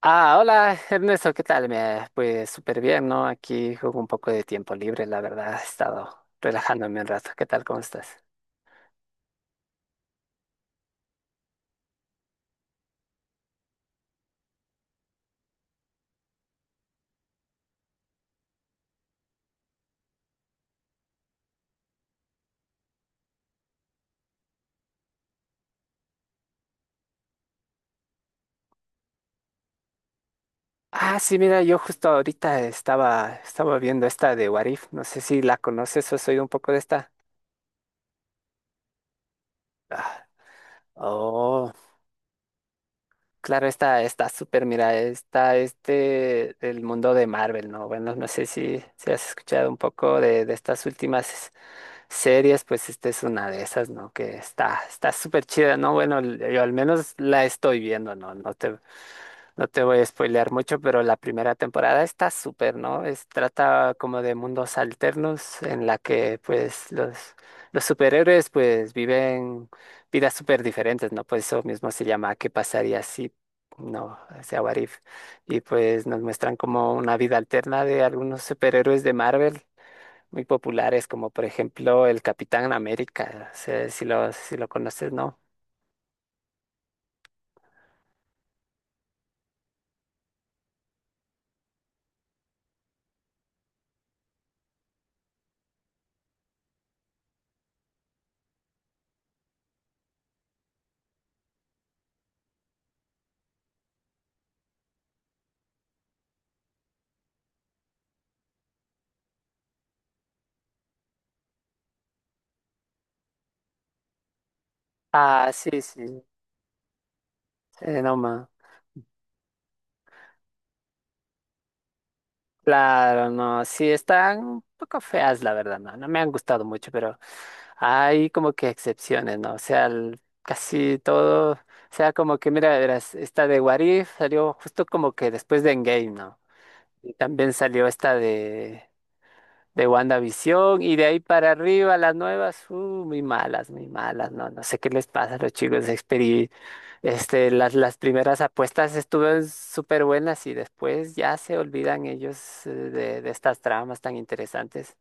Ah, hola Ernesto, ¿qué tal? Pues súper bien, ¿no? Aquí juego un poco de tiempo libre, la verdad, he estado relajándome un rato. ¿Qué tal? ¿Cómo estás? Ah, sí, mira, yo justo ahorita estaba viendo esta de Warif. No sé si la conoces o has oído un poco de esta. Oh, claro, esta está súper, mira, está este del mundo de Marvel, ¿no? Bueno, no sé si has escuchado un poco de estas últimas series. Pues esta es una de esas, ¿no? Que está súper chida, ¿no? Bueno, yo al menos la estoy viendo, ¿no? No te voy a spoilear mucho, pero la primera temporada está súper, ¿no? Es, trata como de mundos alternos en la que, pues, los superhéroes, pues, viven vidas súper diferentes, ¿no? Pues eso mismo se llama ¿Qué pasaría si...? No, o sea, What If. Y pues nos muestran como una vida alterna de algunos superhéroes de Marvel muy populares, como por ejemplo el Capitán América, sé si si lo conoces, ¿no? Ah, sí, sí, no más. Claro, no, sí, están un poco feas, la verdad, no, no me han gustado mucho, pero hay como que excepciones, ¿no? O sea, casi todo, o sea, como que, mira, verás, esta de Warif salió justo como que después de Endgame, ¿no? Y también salió esta de WandaVision y de ahí para arriba las nuevas, muy malas, no, no sé qué les pasa a los chicos de Xperi. Este, las primeras apuestas estuvieron súper buenas y después ya se olvidan ellos de estas tramas tan interesantes.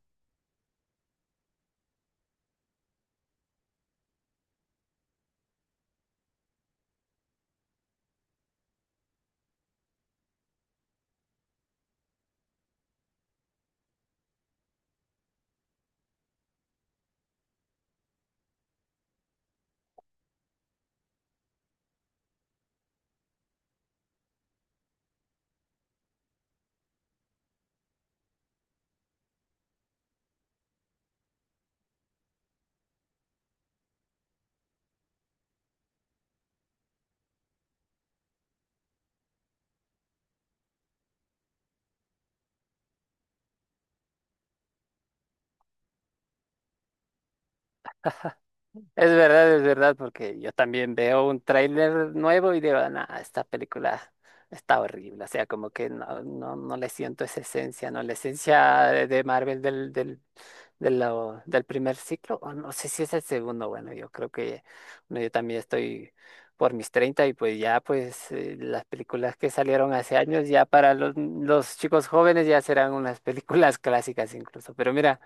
Es verdad, porque yo también veo un tráiler nuevo y digo, "Nah, esta película está horrible". O sea, como que no, no le siento esa esencia, ¿no? La esencia de Marvel del del primer ciclo, o no sé si es el segundo, bueno, yo creo que bueno, yo también estoy por mis 30 y pues ya pues las películas que salieron hace años ya para los chicos jóvenes ya serán unas películas clásicas incluso, pero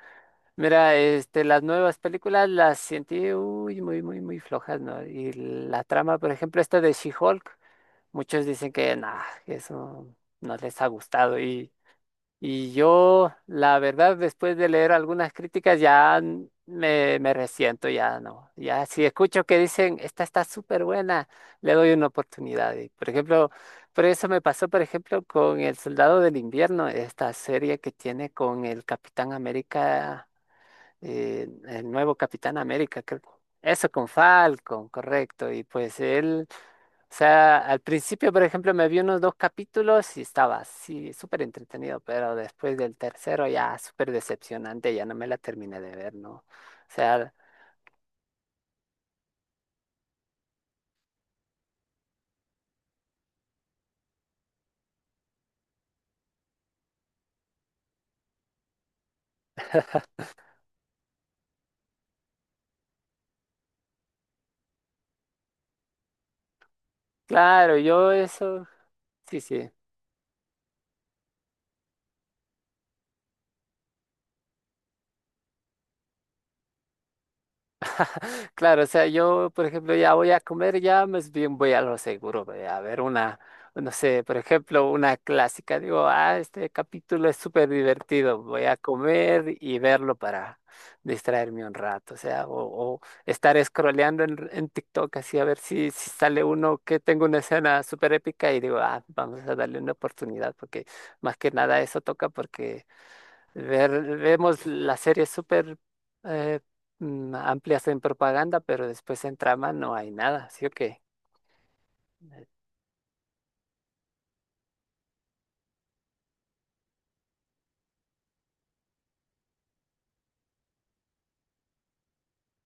mira, este, las nuevas películas las sentí uy, muy flojas, ¿no? Y la trama, por ejemplo, esta de She-Hulk, muchos dicen que nada, eso no les ha gustado y... Y yo, la verdad, después de leer algunas críticas, ya me resiento, ya no. Ya si escucho que dicen, esta está súper buena, le doy una oportunidad. Y, por ejemplo, por eso me pasó, por ejemplo, con El Soldado del Invierno, esta serie que tiene con el Capitán América, el nuevo Capitán América, creo. Eso con Falcon, correcto. Y pues él... O sea, al principio, por ejemplo, me vi unos dos capítulos y estaba así, súper entretenido, pero después del tercero ya súper decepcionante, ya no me la terminé de ver, ¿no? O sea, claro, yo eso, sí, sí. Claro, o sea, yo, por ejemplo, ya voy a comer, ya más bien voy a lo seguro, ve, a ver una, no sé, por ejemplo, una clásica. Digo, ah, este capítulo es súper divertido, voy a comer y verlo para distraerme un rato, o sea, o estar scrolleando en TikTok así a ver si, si sale uno que tengo una escena súper épica y digo, ah, vamos a darle una oportunidad, porque más que nada eso toca porque... Vemos las series súper eh, amplias en propaganda, pero después en trama no hay nada, ¿sí o qué? Eh,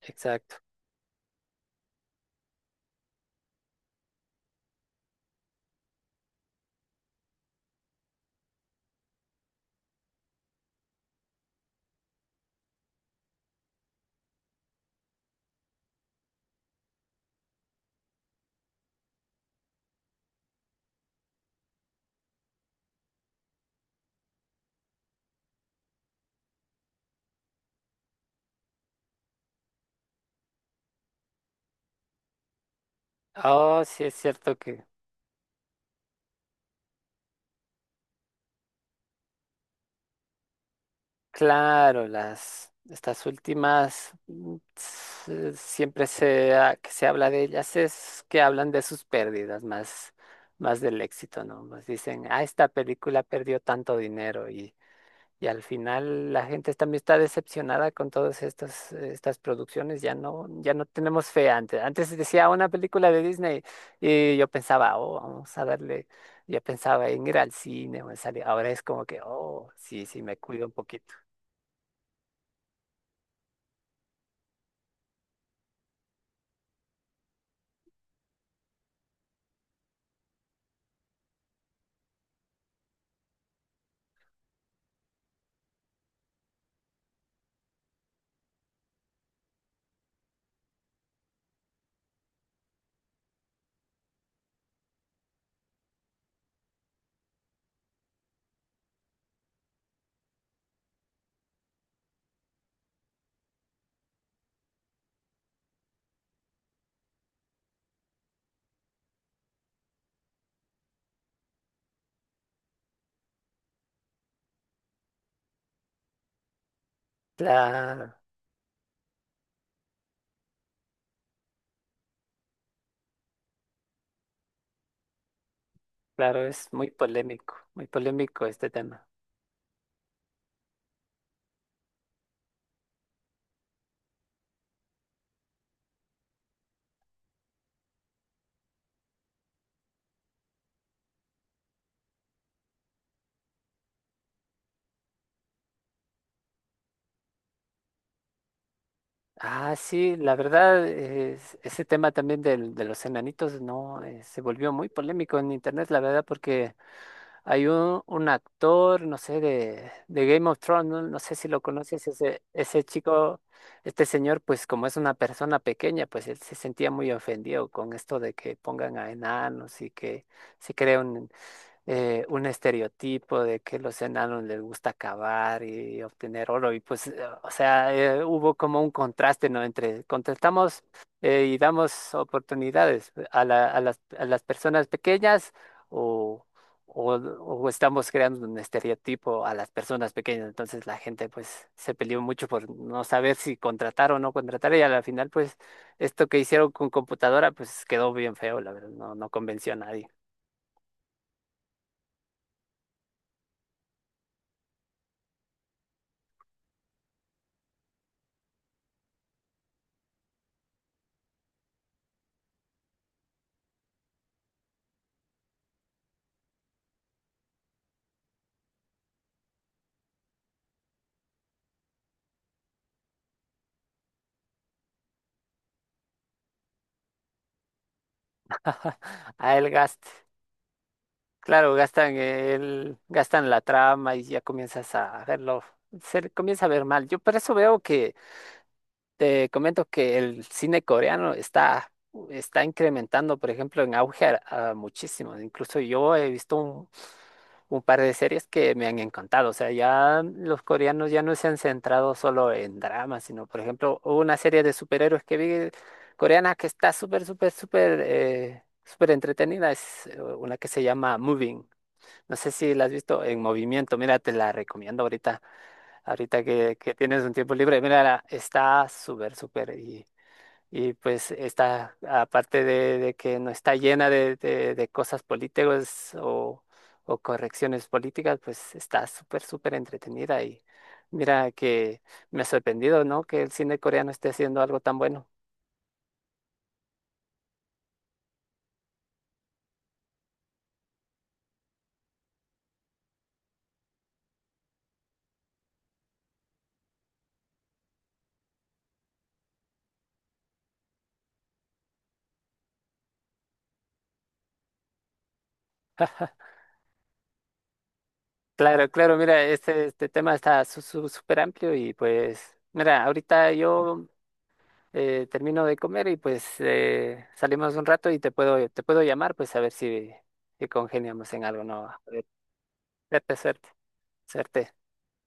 Exacto. Oh, sí es cierto que, claro, las estas últimas siempre se que se habla de ellas es que hablan de sus pérdidas más del éxito, ¿no? Más dicen, ah, esta película perdió tanto dinero. Y al final la gente también está decepcionada con todas estas producciones, ya no, ya no tenemos fe antes. Antes decía una película de Disney y yo pensaba, oh, vamos a darle, yo pensaba en ir al cine o en salir. Ahora es como que, oh, sí, sí, me cuido un poquito. Claro, claro, es muy polémico este tema. Ah, sí, la verdad, ese tema también de los enanitos, no, se volvió muy polémico en internet, la verdad, porque hay un actor, no sé, de Game of Thrones, no, no sé si lo conoces, ese chico, este señor, pues como es una persona pequeña, pues él se sentía muy ofendido con esto de que pongan a enanos y que se creen un estereotipo de que los enanos les gusta cavar y obtener oro. Y pues, hubo como un contraste, ¿no? Entre contestamos y damos oportunidades a a las personas pequeñas o, o estamos creando un estereotipo a las personas pequeñas. Entonces la gente pues se peleó mucho por no saber si contratar o no contratar y a la final pues esto que hicieron con computadora pues quedó bien feo, la verdad, no, no convenció a nadie. A el gasto. Claro, gastan gastan la trama y ya comienzas a verlo, se le comienza a ver mal. Yo por eso veo que, te comento que el cine coreano está, está incrementando, por ejemplo, en auge a muchísimo. Incluso yo he visto un par de series que me han encantado. O sea, ya los coreanos ya no se han centrado solo en dramas, sino, por ejemplo, hubo una serie de superhéroes que vi coreana que está súper, súper, súper, súper entretenida. Es una que se llama Moving. No sé si la has visto en movimiento. Mira, te la recomiendo ahorita. Ahorita que tienes un tiempo libre. Mira, está súper, súper. Y pues está, aparte de que no está llena de cosas políticas o correcciones políticas, pues está súper, súper entretenida. Y mira que me ha sorprendido, ¿no? Que el cine coreano esté haciendo algo tan bueno. Claro, claro, mira, este tema está súper amplio y pues, mira, ahorita yo termino de comer y pues salimos un rato y te puedo llamar, pues a ver si, si congeniamos en algo, ¿no? A ver, suerte, suerte, suerte.